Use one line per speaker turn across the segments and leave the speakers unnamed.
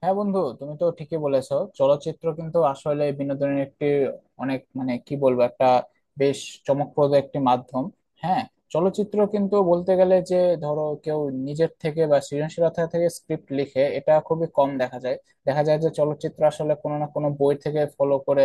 হ্যাঁ বন্ধু, তুমি তো ঠিকই বলেছো। চলচ্চিত্র কিন্তু আসলে বিনোদনের একটি, অনেক, মানে কি বলবো, একটা বেশ চমকপ্রদ একটি মাধ্যম। হ্যাঁ, চলচ্চিত্র কিন্তু বলতে গেলে, যে ধরো কেউ নিজের থেকে বা সৃজনশীলতা থেকে স্ক্রিপ্ট লিখে, এটা খুবই কম দেখা যায়। দেখা যায় যে চলচ্চিত্র আসলে কোনো না কোনো বই থেকে ফলো করে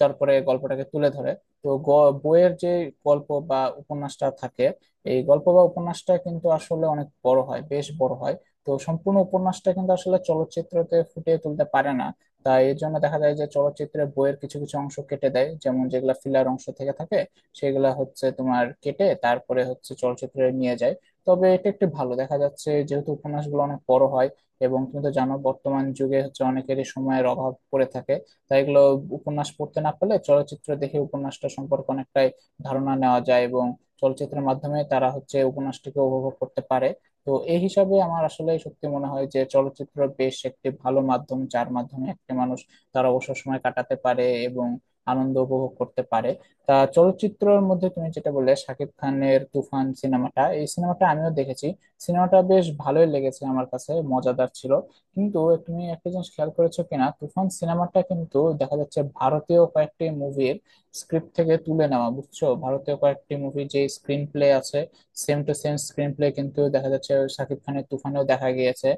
তারপরে গল্পটাকে তুলে ধরে। তো বইয়ের যে গল্প বা উপন্যাসটা থাকে, এই গল্প বা উপন্যাসটা কিন্তু আসলে অনেক বড় হয়, বেশ বড় হয়। তো সম্পূর্ণ উপন্যাসটা কিন্তু আসলে চলচ্চিত্রতে ফুটিয়ে তুলতে পারে না। তাই এর জন্য দেখা যায় যে চলচ্চিত্রে বইয়ের কিছু কিছু অংশ কেটে দেয়, যেমন যেগুলা ফিলার অংশ থেকে থাকে সেগুলা হচ্ছে তোমার কেটে তারপরে হচ্ছে চলচ্চিত্রে নিয়ে যায়। তবে এটা একটু ভালো দেখা যাচ্ছে, যেহেতু উপন্যাসগুলো অনেক বড় হয়, এবং তুমি তো জানো বর্তমান যুগে হচ্ছে অনেকেরই সময়ের অভাব পড়ে থাকে। তাই এগুলো উপন্যাস পড়তে না পারলে চলচ্চিত্র দেখে উপন্যাসটা সম্পর্কে অনেকটাই ধারণা নেওয়া যায়, এবং চলচ্চিত্রের মাধ্যমে তারা হচ্ছে উপন্যাসটিকে উপভোগ করতে পারে। তো এই হিসাবে আমার আসলে সত্যি মনে হয় যে চলচ্চিত্র বেশ একটি ভালো মাধ্যম, যার মাধ্যমে একটি মানুষ তার অবসর সময় কাটাতে পারে এবং আনন্দ উপভোগ করতে পারে। তা চলচ্চিত্রের মধ্যে তুমি যেটা বললে শাকিব খানের তুফান সিনেমাটা, এই সিনেমাটা আমিও দেখেছি। সিনেমাটা বেশ ভালোই লেগেছে, আমার কাছে মজাদার ছিল। কিন্তু তুমি একটা জিনিস খেয়াল করেছো কিনা, তুফান সিনেমাটা কিন্তু দেখা যাচ্ছে ভারতীয় কয়েকটি মুভির স্ক্রিপ্ট থেকে তুলে নেওয়া, বুঝছো? ভারতীয় কয়েকটি মুভি যে স্ক্রিন প্লে আছে, same to same screen play কিন্তু দেখা যাচ্ছে শাকিব খানের তুফানেও দেখা গিয়েছে।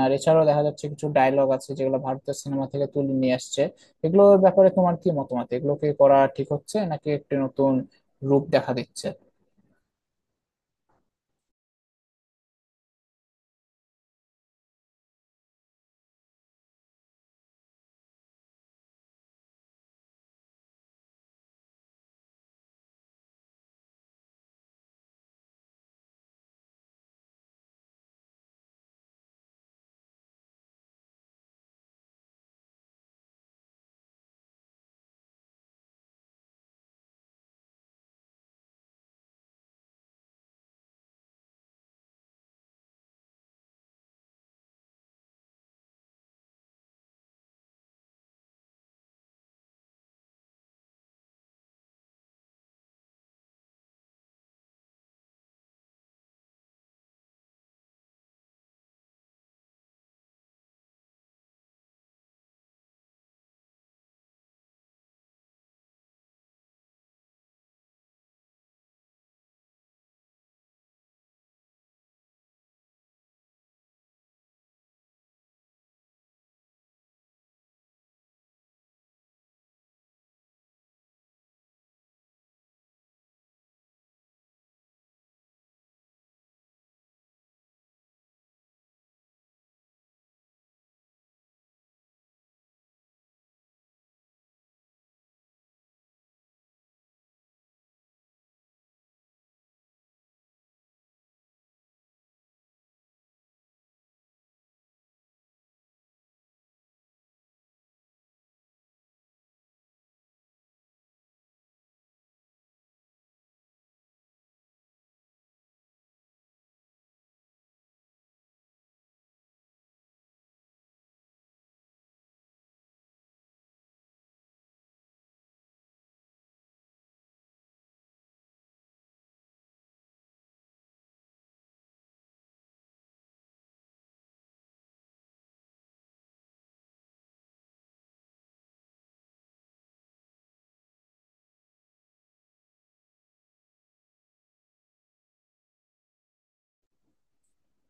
আর এছাড়াও দেখা যাচ্ছে কিছু ডায়লগ আছে যেগুলো ভারতীয় সিনেমা থেকে তুলে নিয়ে আসছে। এগুলোর ব্যাপারে তোমার কি মতামত, এগুলোকে করা ঠিক হচ্ছে নাকি একটি নতুন রূপ দেখা দিচ্ছে?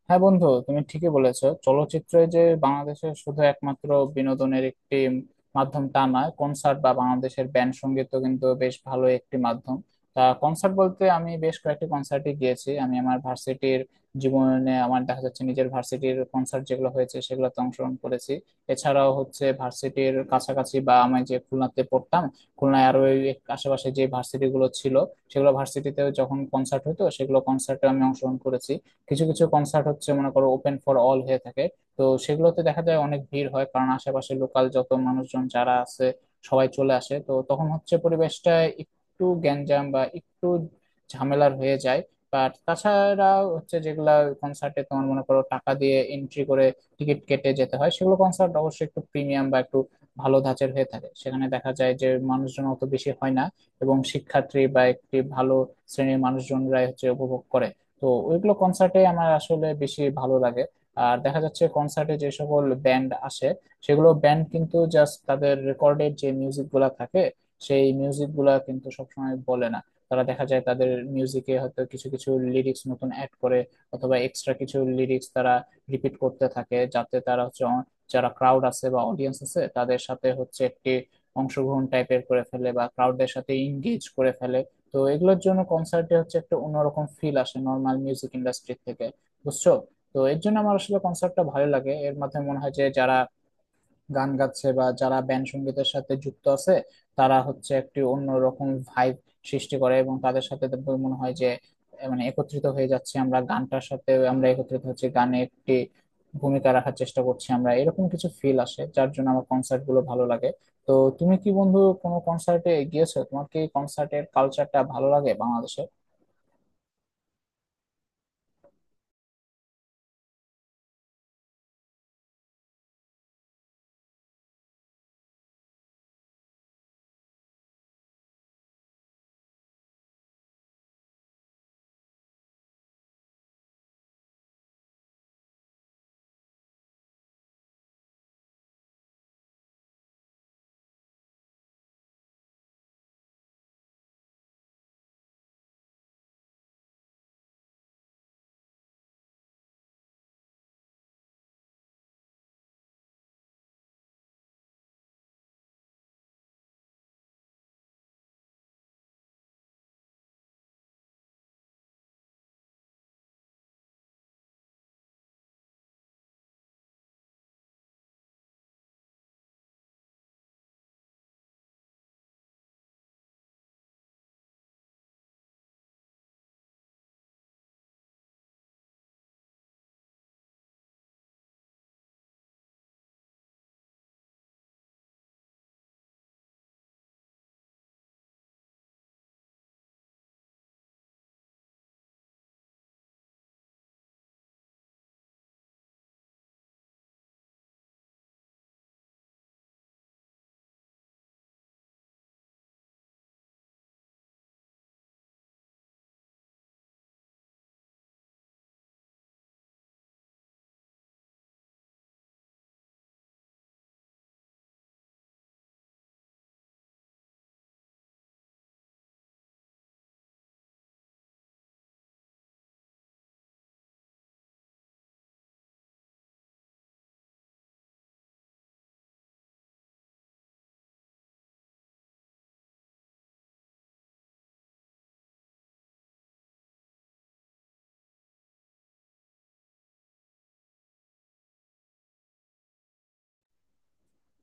হ্যাঁ বন্ধু, তুমি ঠিকই বলেছো, চলচ্চিত্র যে বাংলাদেশের শুধু একমাত্র বিনোদনের একটি মাধ্যম তা নয়, কনসার্ট বা বাংলাদেশের ব্যান্ড সঙ্গীতও কিন্তু বেশ ভালো একটি মাধ্যম। তা কনসার্ট বলতে আমি বেশ কয়েকটি কনসার্টে গিয়েছি। আমি আমার ভার্সিটির জীবনে, আমার দেখা যাচ্ছে, নিজের ভার্সিটির কনসার্ট যেগুলো হয়েছে সেগুলোতে অংশগ্রহণ করেছি। এছাড়াও হচ্ছে ভার্সিটির কাছাকাছি, বা আমি যে খুলনাতে পড়তাম, খুলনায় আরো ওই আশেপাশে যে ভার্সিটি গুলো ছিল সেগুলো ভার্সিটিতে যখন কনসার্ট হতো, সেগুলো কনসার্টে আমি অংশগ্রহণ করেছি। কিছু কিছু কনসার্ট হচ্ছে মনে করো ওপেন ফর অল হয়ে থাকে। তো সেগুলোতে দেখা যায় অনেক ভিড় হয়, কারণ আশেপাশে লোকাল যত মানুষজন যারা আছে সবাই চলে আসে। তো তখন হচ্ছে পরিবেশটা একটু গ্যাঞ্জাম বা একটু ঝামেলার হয়ে যায়। বাট তাছাড়া হচ্ছে যেগুলা কনসার্টে তোমার মনে করো টাকা দিয়ে এন্ট্রি করে টিকিট কেটে যেতে হয় সেগুলো কনসার্ট অবশ্যই একটু প্রিমিয়াম বা একটু ভালো ধাঁচের হয়ে থাকে। সেখানে দেখা যায় যে মানুষজন অত বেশি হয় না, এবং শিক্ষার্থী বা একটি ভালো শ্রেণীর মানুষজনরাই হচ্ছে উপভোগ করে। তো ওইগুলো কনসার্টে আমার আসলে বেশি ভালো লাগে। আর দেখা যাচ্ছে কনসার্টে যে সকল ব্যান্ড আসে, সেগুলো ব্যান্ড কিন্তু জাস্ট তাদের রেকর্ডের যে মিউজিক গুলা থাকে সেই মিউজিক গুলা কিন্তু সবসময় বলে না। তারা দেখা যায় তাদের মিউজিকে হয়তো কিছু কিছু লিরিক্স নতুন অ্যাড করে, অথবা এক্সট্রা কিছু লিরিক্স তারা রিপিট করতে থাকে, যাতে তারা হচ্ছে যারা ক্রাউড আছে বা অডিয়েন্স আছে তাদের সাথে হচ্ছে একটি অংশগ্রহণ টাইপের করে ফেলে, বা ক্রাউডদের সাথে ইংগেজ করে ফেলে। তো এগুলোর জন্য কনসার্টে হচ্ছে একটা অন্যরকম ফিল আসে নর্মাল মিউজিক ইন্ডাস্ট্রি থেকে, বুঝছো? তো এর জন্য আমার আসলে কনসার্টটা ভালো লাগে। এর মাধ্যমে মনে হয় যে যারা গান গাচ্ছে বা যারা ব্যান্ড সঙ্গীতের সাথে যুক্ত আছে, তারা হচ্ছে একটি অন্যরকম ভাইব সৃষ্টি করে, এবং তাদের সাথে তো মনে হয় যে মানে একত্রিত হয়ে যাচ্ছে, আমরা গানটার সাথে আমরা একত্রিত হচ্ছে, গানে একটি ভূমিকা রাখার চেষ্টা করছি আমরা, এরকম কিছু ফিল আসে যার জন্য আমার কনসার্ট গুলো ভালো লাগে। তো তুমি কি বন্ধু কোনো কনসার্টে গিয়েছো? তোমার কি কনসার্টের কালচারটা ভালো লাগে বাংলাদেশে?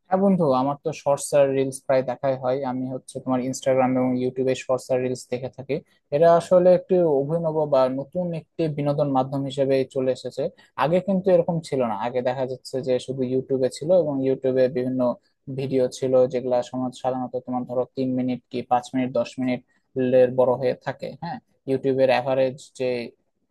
হ্যাঁ বন্ধু, আমার তো শর্টস আর রিলস প্রায় দেখাই হয়। আমি হচ্ছে তোমার ইনস্টাগ্রাম এবং ইউটিউবে শর্টস আর রিলস দেখে থাকি। এটা আসলে একটি অভিনব বা নতুন একটি বিনোদন মাধ্যম হিসেবে চলে এসেছে। আগে কিন্তু এরকম ছিল না। আগে দেখা যাচ্ছে যে শুধু ইউটিউবে ছিল, এবং ইউটিউবে বিভিন্ন ভিডিও ছিল যেগুলা সমাজ সাধারণত তোমার ধরো তিন মিনিট কি পাঁচ মিনিট দশ মিনিট এর বড় হয়ে থাকে। হ্যাঁ, ইউটিউবের অ্যাভারেজ যে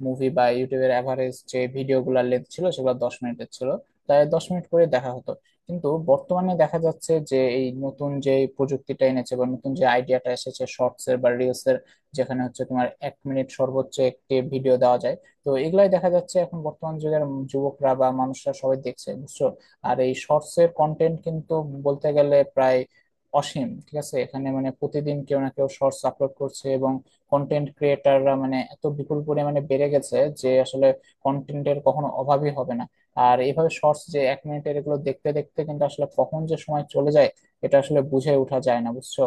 মুভি বা ইউটিউবের অ্যাভারেজ যে ভিডিওগুলোর লেন্থ ছিল সেগুলো দশ মিনিটের ছিল, তাই দশ মিনিট করে দেখা হতো। কিন্তু বর্তমানে দেখা যাচ্ছে যে এই নতুন যে প্রযুক্তিটা এনেছে, বা নতুন যে আইডিয়াটা এসেছে শর্টস এর বা রিলস এর, যেখানে হচ্ছে তোমার এক মিনিট সর্বোচ্চ একটি ভিডিও দেওয়া যায়। তো এগুলাই দেখা যাচ্ছে এখন বর্তমান যুগের যুবকরা বা মানুষরা সবাই দেখছে, বুঝছো? আর এই শর্টস এর কন্টেন্ট কিন্তু বলতে গেলে প্রায় অসীম, ঠিক আছে? এখানে মানে প্রতিদিন কেউ না কেউ শর্টস আপলোড করছে, এবং কন্টেন্ট ক্রিয়েটাররা মানে এত বিপুল পরিমাণে বেড়ে গেছে যে আসলে কন্টেন্টের কখনো অভাবই হবে না। আর এইভাবে শর্টস যে এক মিনিটের, এগুলো দেখতে দেখতে কিন্তু আসলে কখন যে সময় চলে যায় এটা আসলে বুঝে ওঠা যায় না, বুঝছো?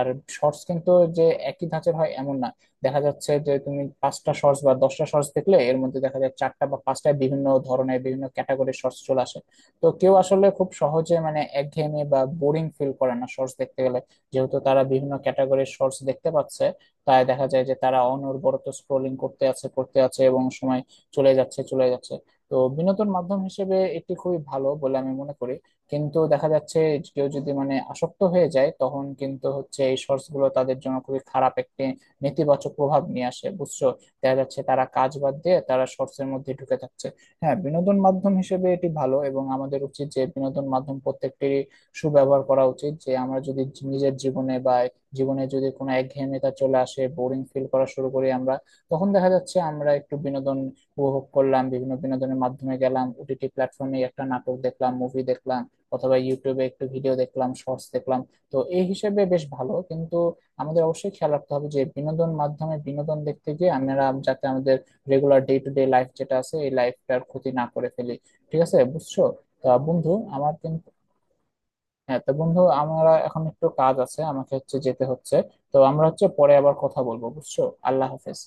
আর শর্টস কিন্তু যে একই ধাঁচের হয় এমন না। দেখা যাচ্ছে যে তুমি পাঁচটা শর্টস বা দশটা শর্টস দেখলে, এর মধ্যে দেখা যায় চারটা বা পাঁচটা বিভিন্ন ধরনের, বিভিন্ন ক্যাটাগরির শর্টস চলে আসে। তো কেউ আসলে খুব সহজে মানে একঘেয়েমি বা বোরিং ফিল করে না শর্টস দেখতে গেলে, যেহেতু তারা বিভিন্ন ক্যাটাগরির শর্টস দেখতে পাচ্ছে। তাই দেখা যায় যে তারা অনবরত স্ক্রোলিং করতে আছে করতে আছে, এবং সময় চলে যাচ্ছে চলে যাচ্ছে। তো বিনোদন মাধ্যম হিসেবে এটি খুবই ভালো বলে আমি মনে করি। কিন্তু দেখা যাচ্ছে কেউ যদি মানে আসক্ত হয়ে যায়, তখন কিন্তু হচ্ছে এই শর্টস গুলো তাদের জন্য খুবই খারাপ একটি নেতিবাচক প্রভাব নিয়ে আসে, বুঝছো? দেখা যাচ্ছে তারা কাজ বাদ দিয়ে তারা শর্টস এর মধ্যে ঢুকে থাকছে। হ্যাঁ, বিনোদন মাধ্যম হিসেবে এটি ভালো, এবং আমাদের উচিত যে বিনোদন মাধ্যম প্রত্যেকটিরই সুব্যবহার করা উচিত, যে আমরা যদি নিজের জীবনে বা জীবনে যদি কোনো একঘেয়েমিতা চলে আসে, বোরিং ফিল করা শুরু করি আমরা, তখন দেখা যাচ্ছে আমরা একটু বিনোদন উপভোগ করলাম, বিভিন্ন বিনোদনের মাধ্যমে গেলাম, ওটিটি প্ল্যাটফর্মে একটা নাটক দেখলাম, মুভি দেখলাম, অথবা ইউটিউবে একটু ভিডিও দেখলাম, শর্টস দেখলাম। তো এই হিসেবে বেশ ভালো, কিন্তু আমাদের অবশ্যই খেয়াল রাখতে হবে যে বিনোদন মাধ্যমে বিনোদন দেখতে গিয়ে আমরা যাতে আমাদের regular day to day life যেটা আছে, এই লাইফটার ক্ষতি না করে ফেলি। ঠিক আছে, বুঝছো? তা বন্ধু, আমার কিন্তু, হ্যাঁ, তো বন্ধু আমরা এখন, একটু কাজ আছে আমাকে, হচ্ছে যেতে হচ্ছে। তো আমরা হচ্ছে পরে আবার কথা বলবো, বুঝছো? আল্লাহ হাফেজ।